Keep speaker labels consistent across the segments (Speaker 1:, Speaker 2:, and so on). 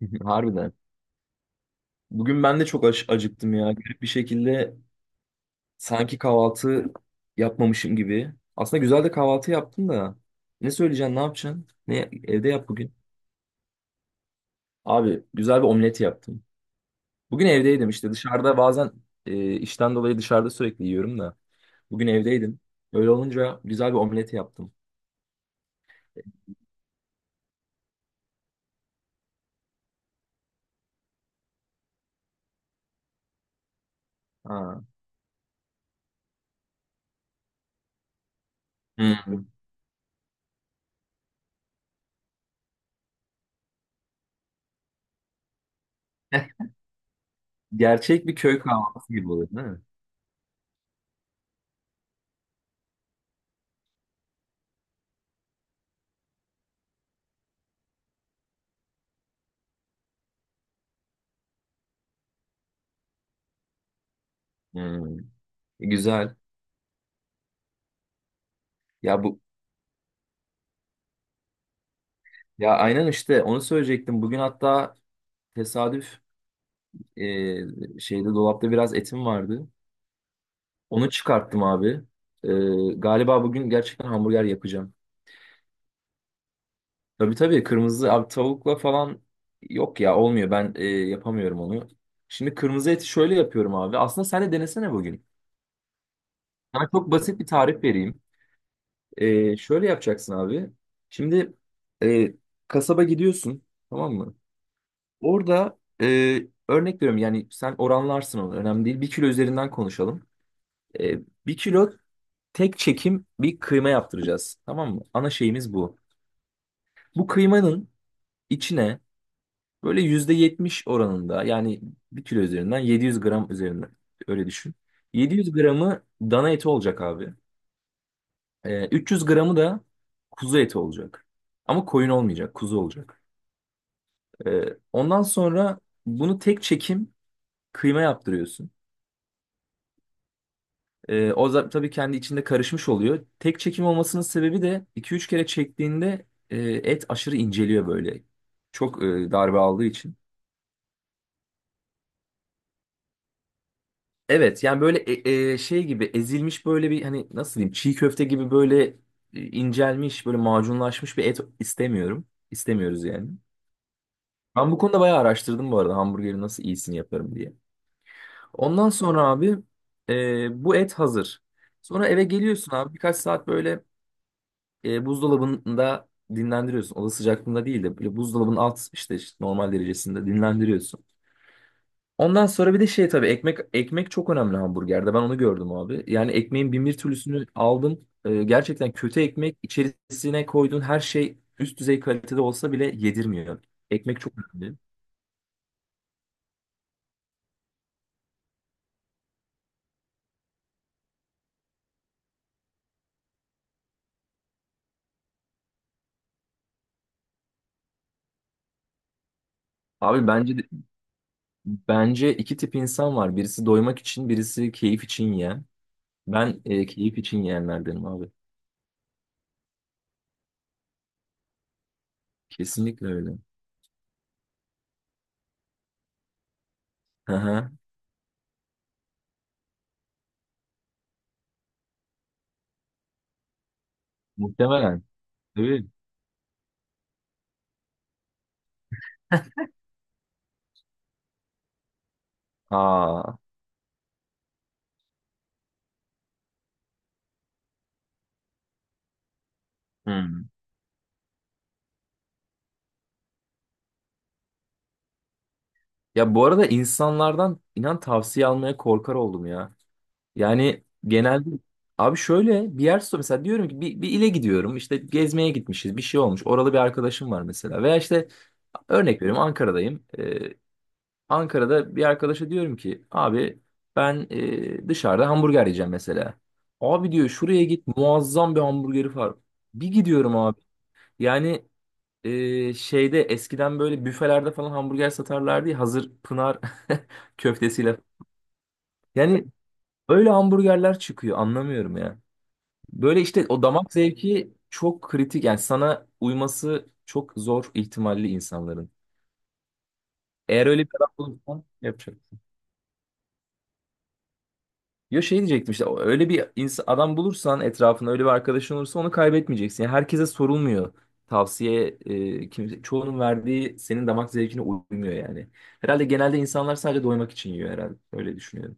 Speaker 1: Harbiden. Bugün ben de çok acıktım ya. Garip bir şekilde sanki kahvaltı yapmamışım gibi. Aslında güzel de kahvaltı yaptım da. Ne söyleyeceksin, ne yapacaksın? Ne evde yap bugün? Abi güzel bir omlet yaptım. Bugün evdeydim, işte dışarıda bazen işten dolayı dışarıda sürekli yiyorum da. Bugün evdeydim. Öyle olunca güzel bir omlet yaptım. Ha. Hı. Gerçek bir köy kahvaltısı gibi oluyor değil mi? Hı. Güzel. Ya bu ya aynen, işte onu söyleyecektim. Bugün hatta tesadüf, şeyde dolapta biraz etim vardı. Onu çıkarttım abi. E, Galiba bugün gerçekten hamburger yapacağım. Tabii tabii, kırmızı abi. Tavukla falan yok ya, olmuyor. Ben yapamıyorum onu. Şimdi kırmızı eti şöyle yapıyorum abi. Aslında sen de denesene bugün. Sana çok basit bir tarif vereyim. Şöyle yapacaksın abi. Şimdi e, kasaba gidiyorsun, tamam mı? Orada örnek veriyorum, yani sen oranlarsın onu, önemli değil. 1 kilo üzerinden konuşalım. E, 1 kilo tek çekim bir kıyma yaptıracağız. Tamam mı? Ana şeyimiz bu. Bu kıymanın içine böyle %70 oranında, yani 1 kilo üzerinden 700 gram üzerinden öyle düşün. 700 gramı dana eti olacak abi. 300 gramı da kuzu eti olacak. Ama koyun olmayacak, kuzu olacak. Ondan sonra bunu tek çekim kıyma yaptırıyorsun. O da tabii kendi içinde karışmış oluyor. Tek çekim olmasının sebebi de iki üç kere çektiğinde et aşırı inceliyor böyle. Çok darbe aldığı için. Evet, yani böyle şey gibi ezilmiş, böyle bir, hani nasıl diyeyim, çiğ köfte gibi böyle incelmiş, böyle macunlaşmış bir et istemiyorum. İstemiyoruz yani. Ben bu konuda bayağı araştırdım bu arada, hamburgeri nasıl iyisini yaparım diye. Ondan sonra abi, bu et hazır. Sonra eve geliyorsun abi, birkaç saat böyle buzdolabında dinlendiriyorsun. Oda sıcaklığında değil de böyle buzdolabının alt işte normal derecesinde dinlendiriyorsun. Ondan sonra bir de şey, tabii ekmek çok önemli hamburgerde. Ben onu gördüm abi. Yani ekmeğin bin bir türlüsünü aldım. Gerçekten kötü ekmek, içerisine koyduğun her şey üst düzey kalitede olsa bile yedirmiyor. Ekmek çok önemli. Abi bence iki tip insan var. Birisi doymak için, birisi keyif için yiyen. Ben keyif için yiyenlerdenim abi. Kesinlikle öyle. Hı hı. Muhtemelen. Evet. Aa. Hmm. Ya bu arada insanlardan inan tavsiye almaya korkar oldum ya. Yani genelde abi şöyle bir yer sor mesela, diyorum ki bir ile gidiyorum işte, gezmeye gitmişiz bir şey olmuş, oralı bir arkadaşım var mesela, veya işte örnek veriyorum Ankara'dayım. Ankara'da bir arkadaşa diyorum ki abi, ben dışarıda hamburger yiyeceğim mesela. Abi, diyor, şuraya git, muazzam bir hamburgeri var. Bir gidiyorum abi. Yani şeyde eskiden böyle büfelerde falan hamburger satarlardı ya, hazır Pınar köftesiyle. Yani öyle hamburgerler çıkıyor, anlamıyorum ya. Böyle işte o damak zevki çok kritik, yani sana uyması çok zor ihtimalli insanların. Eğer öyle bir adam bulursan, yapacak. Ya şey diyecektim, işte öyle bir adam bulursan, etrafında öyle bir arkadaşın olursa onu kaybetmeyeceksin. Yani herkese sorulmuyor. Tavsiye, kimse, çoğunun verdiği senin damak zevkine uymuyor yani. Herhalde genelde insanlar sadece doymak için yiyor herhalde. Öyle düşünüyorum.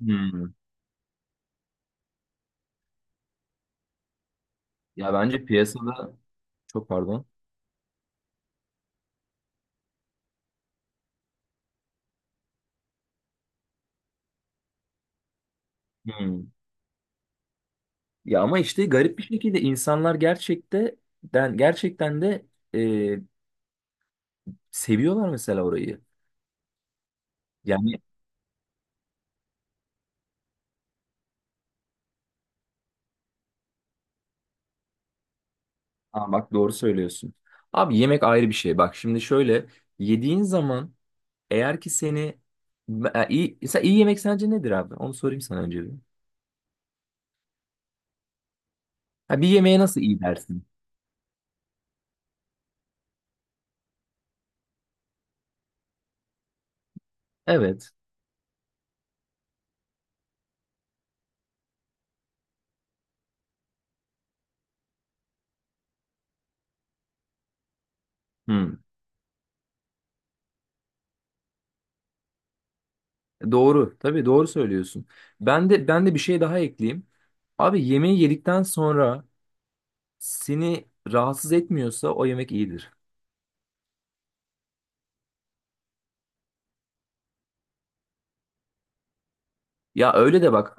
Speaker 1: Hmm. Ya bence piyasada çok, pardon. Hmm. Ya ama işte garip bir şekilde insanlar gerçekten gerçekten de e, seviyorlar mesela orayı. Yani aa, bak, doğru söylüyorsun. Abi yemek ayrı bir şey. Bak şimdi şöyle, yediğin zaman, eğer ki seni iyi, mesela iyi yemek sence nedir abi? Onu sorayım sana önce bir. Ha, bir yemeğe nasıl iyi dersin? Evet. Hmm. Doğru. Tabii doğru söylüyorsun. Ben de bir şey daha ekleyeyim. Abi yemeği yedikten sonra seni rahatsız etmiyorsa o yemek iyidir. Ya öyle de bak,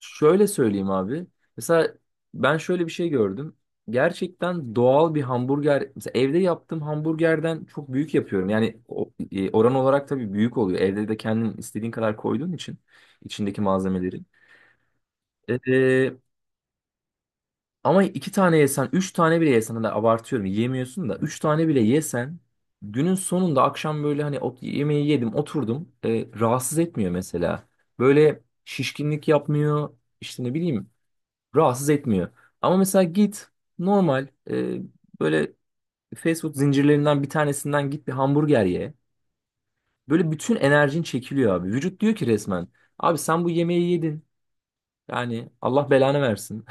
Speaker 1: şöyle söyleyeyim abi. Mesela ben şöyle bir şey gördüm. Gerçekten doğal bir hamburger. Mesela evde yaptığım hamburgerden çok büyük yapıyorum. Yani oran olarak tabii büyük oluyor. Evde de kendin istediğin kadar koyduğun için içindeki malzemeleri. E, e, Ama iki tane yesen, üç tane bile yesen da abartıyorum. Yiyemiyorsun da. Üç tane bile yesen günün sonunda akşam böyle hani yemeği yedim oturdum. Rahatsız etmiyor mesela. Böyle şişkinlik yapmıyor. İşte ne bileyim, rahatsız etmiyor. Ama mesela git normal böyle fast food zincirlerinden bir tanesinden git bir hamburger ye. Böyle bütün enerjin çekiliyor abi. Vücut diyor ki resmen, abi sen bu yemeği yedin. Yani Allah belanı versin.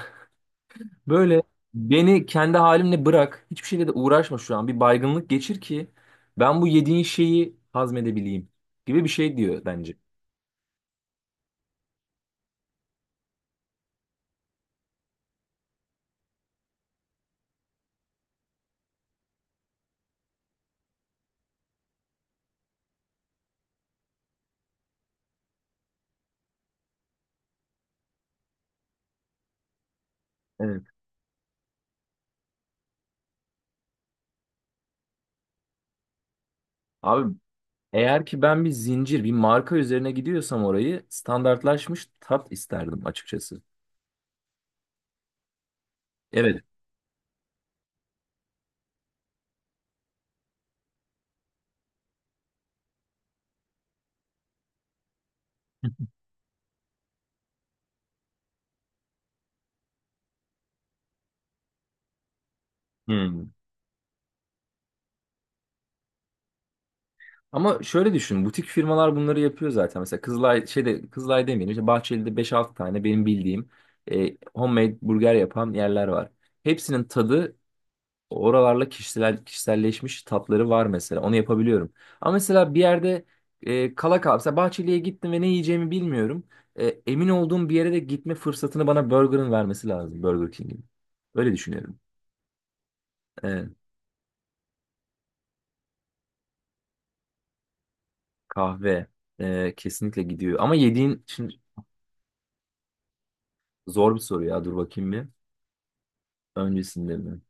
Speaker 1: Böyle beni kendi halimle bırak. Hiçbir şeyle de uğraşma şu an. Bir baygınlık geçir ki ben bu yediğin şeyi hazmedebileyim gibi bir şey diyor bence. Evet. Abi eğer ki ben bir zincir, bir marka üzerine gidiyorsam, orayı standartlaşmış tat isterdim açıkçası. Evet. Hmm. Ama şöyle düşün, butik firmalar bunları yapıyor zaten. Mesela Kızılay şeyde, Kızılay demeyelim, işte Bahçeli'de beş altı tane benim bildiğim homemade burger yapan yerler var. Hepsinin tadı oralarla kişiselleşmiş tatları var mesela. Onu yapabiliyorum. Ama mesela bir yerde kala kal. Mesela Bahçeli'ye gittim ve ne yiyeceğimi bilmiyorum. Emin olduğum bir yere de gitme fırsatını bana Burger'ın vermesi lazım. Burger King'in. Öyle düşünüyorum. E, Kahve kesinlikle gidiyor. Ama yediğin şimdi, zor bir soru ya. Dur bakayım bir. Öncesinde mi?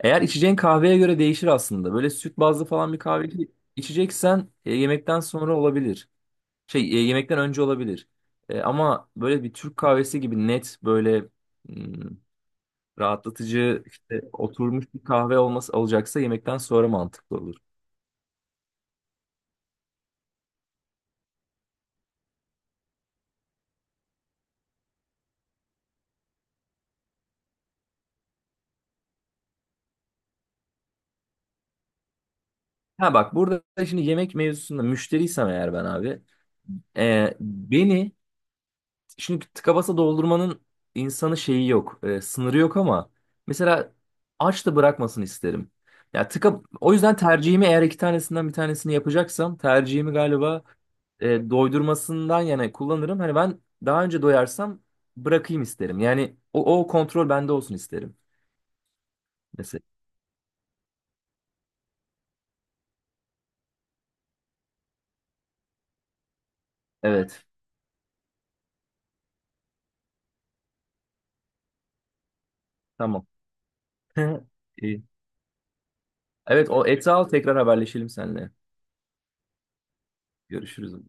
Speaker 1: Eğer içeceğin kahveye göre değişir aslında. Böyle süt bazlı falan bir kahve içeceksen yemekten sonra olabilir. Şey, yemekten önce olabilir. Ama böyle bir Türk kahvesi gibi net böyle hmm, rahatlatıcı işte oturmuş bir kahve olması olacaksa yemekten sonra mantıklı olur. Ha bak, burada da şimdi yemek mevzusunda müşteriysem eğer ben abi, beni, şimdi tıka basa doldurmanın insanı şeyi yok. Sınırı yok ama mesela aç da bırakmasın isterim. Ya tıka o yüzden tercihimi, eğer iki tanesinden bir tanesini yapacaksam tercihimi galiba doydurmasından yana kullanırım. Hani ben daha önce doyarsam bırakayım isterim. Yani o kontrol bende olsun isterim. Mesela. Evet. Tamam. İyi. Evet, o eti al, tekrar haberleşelim seninle. Görüşürüz.